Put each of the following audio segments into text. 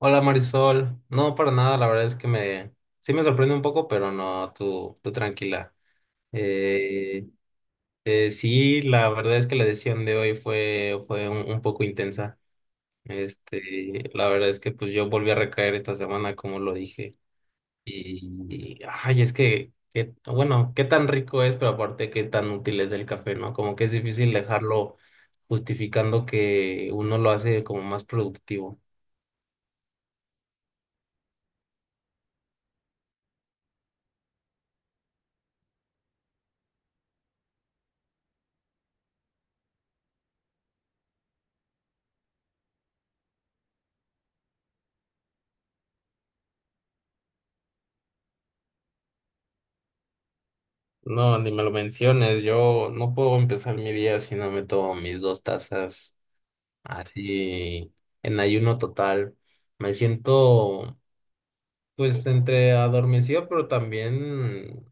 Hola Marisol, no para nada, la verdad es que me sí me sorprende un poco, pero no, tú tranquila. Eh, sí, la verdad es que la decisión de hoy fue un poco intensa. Este, la verdad es que pues yo volví a recaer esta semana, como lo dije. Es bueno, qué tan rico es, pero aparte qué tan útil es el café, ¿no? Como que es difícil dejarlo justificando que uno lo hace como más productivo. No, ni me lo menciones. Yo no puedo empezar mi día si no me tomo mis dos tazas así en ayuno total. Me siento pues entre adormecido, pero también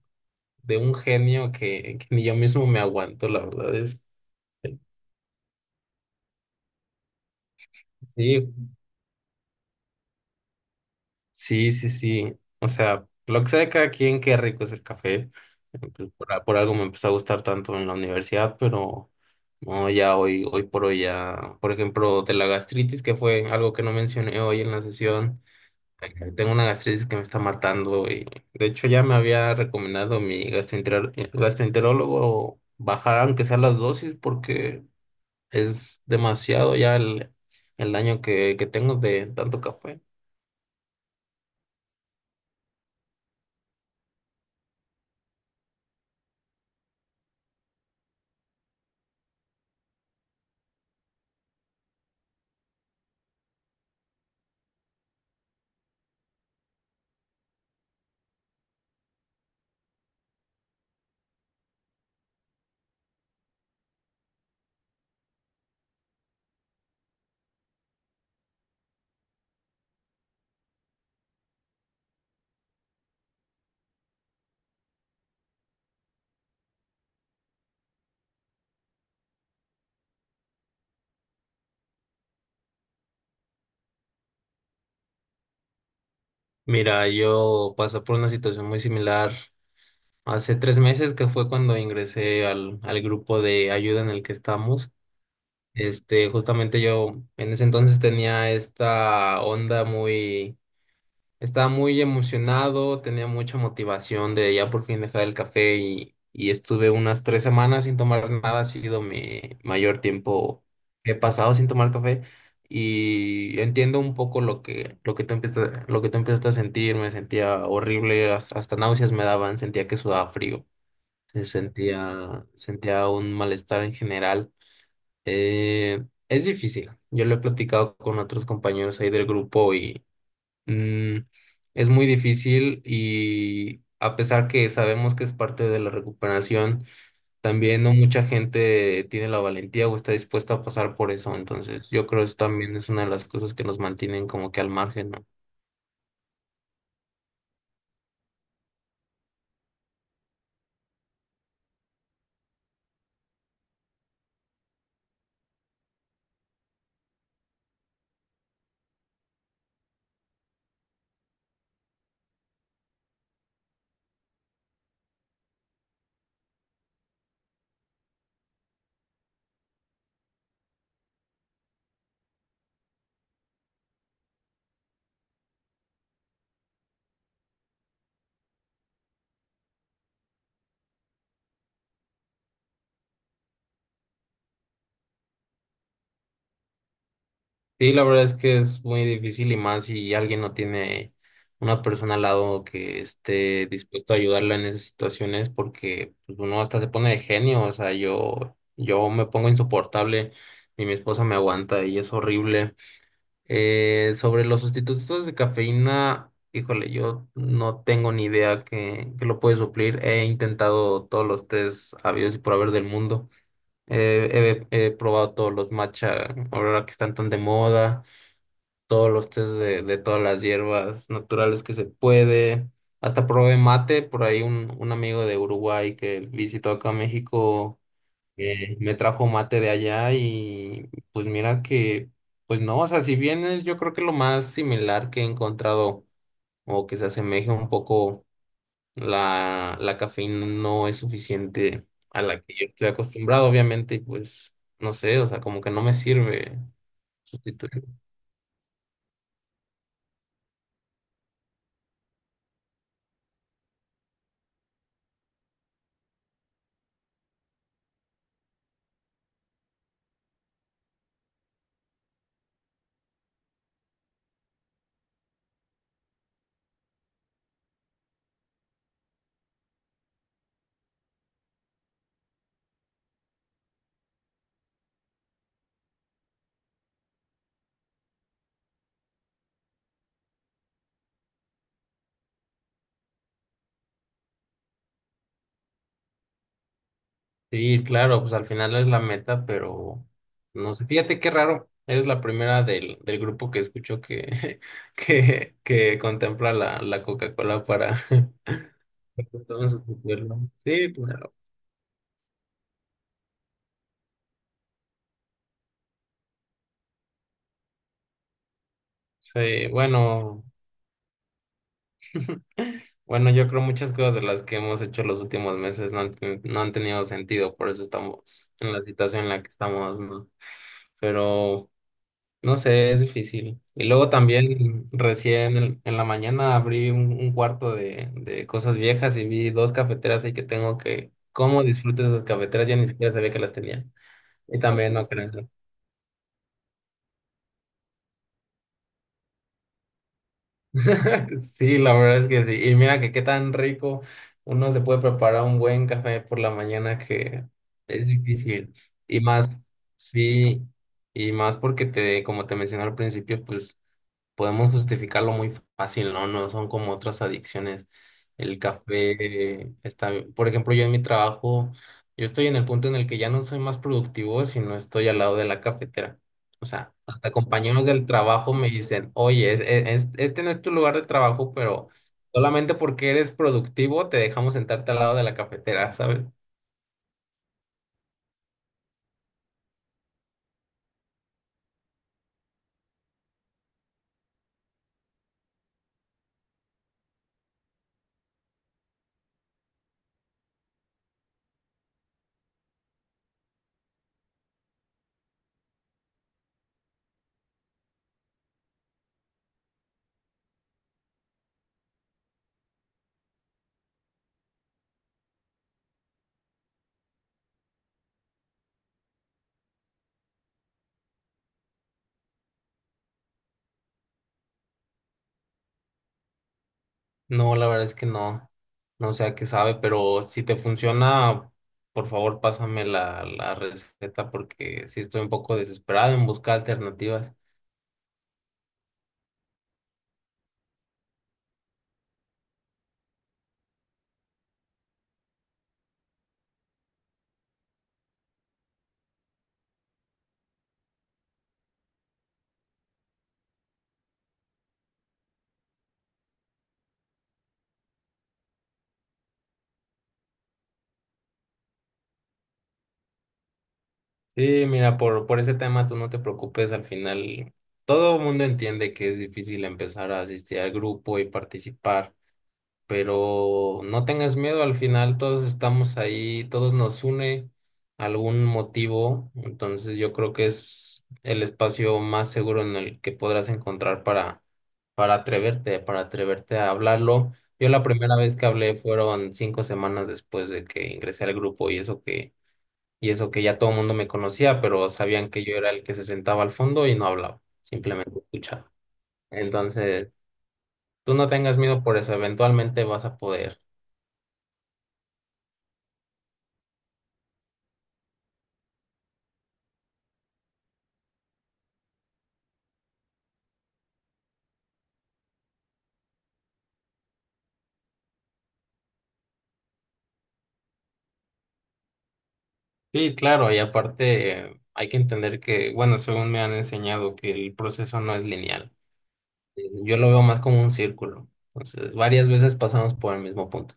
de un genio que ni yo mismo me aguanto, la verdad es. Sí, sí, sí, sí. O sea, lo que sea de cada quien, qué rico es el café. Por algo me empezó a gustar tanto en la universidad, pero no, ya hoy, hoy por hoy ya, por ejemplo, de la gastritis, que fue algo que no mencioné hoy en la sesión. Tengo una gastritis que me está matando y de hecho ya me había recomendado mi gastroenterólogo bajar aunque sea las dosis porque es demasiado ya el daño que tengo de tanto café. Mira, yo pasé por una situación muy similar hace 3 meses que fue cuando ingresé al grupo de ayuda en el que estamos. Este, justamente yo en ese entonces tenía esta onda muy estaba muy emocionado, tenía mucha motivación de ya por fin dejar el café y estuve unas 3 semanas sin tomar nada. Ha sido mi mayor tiempo que he pasado sin tomar café y entiendo un poco lo que tú empiezas, lo que tú empiezas a sentir. Me sentía horrible, hasta náuseas me daban, sentía que sudaba frío, se sentía, sentía un malestar en general. Eh, es difícil. Yo lo he platicado con otros compañeros ahí del grupo. Mm, es muy difícil y a pesar que sabemos que es parte de la recuperación, también no mucha gente tiene la valentía o está dispuesta a pasar por eso. Entonces, yo creo que eso también es una de las cosas que nos mantienen como que al margen, ¿no? Sí, la verdad es que es muy difícil y más si alguien no tiene una persona al lado que esté dispuesto a ayudarla en esas situaciones porque pues, uno hasta se pone de genio, o sea, yo me pongo insoportable y mi esposa me aguanta y es horrible. Sobre los sustitutos de cafeína, híjole, yo no tengo ni idea que lo puede suplir. He intentado todos los tés habidos y por haber del mundo. He probado todos los matcha, ahora que están tan de moda, todos los tés de todas las hierbas naturales que se puede. Hasta probé mate, por ahí un amigo de Uruguay que visitó acá a México me trajo mate de allá y pues mira que, pues no, o sea, si bien es yo creo que lo más similar que he encontrado o que se asemeje un poco la cafeína no es suficiente a la que yo estoy acostumbrado, obviamente, y pues no sé, o sea, como que no me sirve sustituir. Sí, claro, pues al final es la meta, pero no sé, fíjate qué raro. Eres la primera del grupo que escucho que, que contempla la Coca-Cola para, vamos a... Sí, claro. Sí, bueno, bueno, yo creo muchas cosas de las que hemos hecho los últimos meses no no han tenido sentido, por eso estamos en la situación en la que estamos, ¿no? Pero no sé, es difícil. Y luego también recién en la mañana abrí un cuarto de cosas viejas y vi dos cafeteras ahí que tengo que, ¿cómo disfruto esas cafeteras? Ya ni siquiera sabía que las tenía. Y también no creo. Sí, la verdad es que sí. Y mira que qué tan rico uno se puede preparar un buen café por la mañana que es difícil. Y más, sí, y más porque te, como te mencioné al principio, pues podemos justificarlo muy fácil, ¿no? No son como otras adicciones. El café está, por ejemplo, yo en mi trabajo, yo estoy en el punto en el que ya no soy más productivo si no estoy al lado de la cafetera. O sea, hasta compañeros del trabajo me dicen, oye, este no es tu lugar de trabajo, pero solamente porque eres productivo te dejamos sentarte al lado de la cafetera, ¿sabes? No, la verdad es que no. No sé a qué sabe, pero si te funciona, por favor, pásame la receta porque sí estoy un poco desesperado en buscar alternativas. Sí, mira, por ese tema tú no te preocupes. Al final, todo el mundo entiende que es difícil empezar a asistir al grupo y participar. Pero no tengas miedo, al final todos estamos ahí, todos nos une algún motivo, entonces yo creo que es el espacio más seguro en el que podrás encontrar para atreverte a hablarlo. Yo la primera vez que hablé fueron 5 semanas después de que ingresé al grupo y eso que ya todo el mundo me conocía, pero sabían que yo era el que se sentaba al fondo y no hablaba, simplemente escuchaba. Entonces, tú no tengas miedo por eso, eventualmente vas a poder. Sí, claro, y aparte hay que entender que, bueno, según me han enseñado, que el proceso no es lineal. Yo lo veo más como un círculo. Entonces, varias veces pasamos por el mismo punto.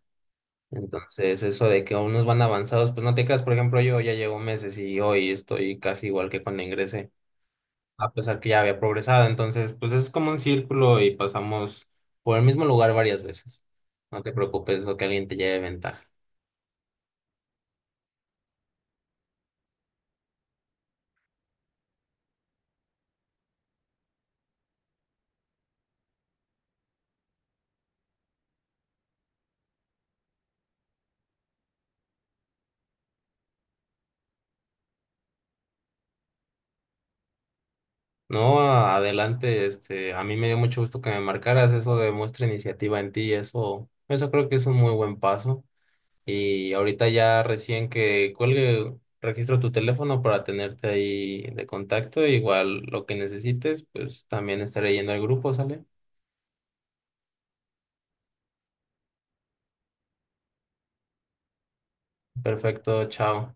Entonces, eso de que unos van avanzados, pues no te creas, por ejemplo, yo ya llevo meses y hoy estoy casi igual que cuando ingresé, a pesar que ya había progresado. Entonces, pues es como un círculo y pasamos por el mismo lugar varias veces. No te preocupes, eso que alguien te lleve ventaja. No, adelante, este, a mí me dio mucho gusto que me marcaras, eso demuestra iniciativa en ti, eso creo que es un muy buen paso. Y ahorita ya recién que cuelgue, registro tu teléfono para tenerte ahí de contacto, igual lo que necesites, pues también estaré yendo al grupo, ¿sale? Perfecto, chao.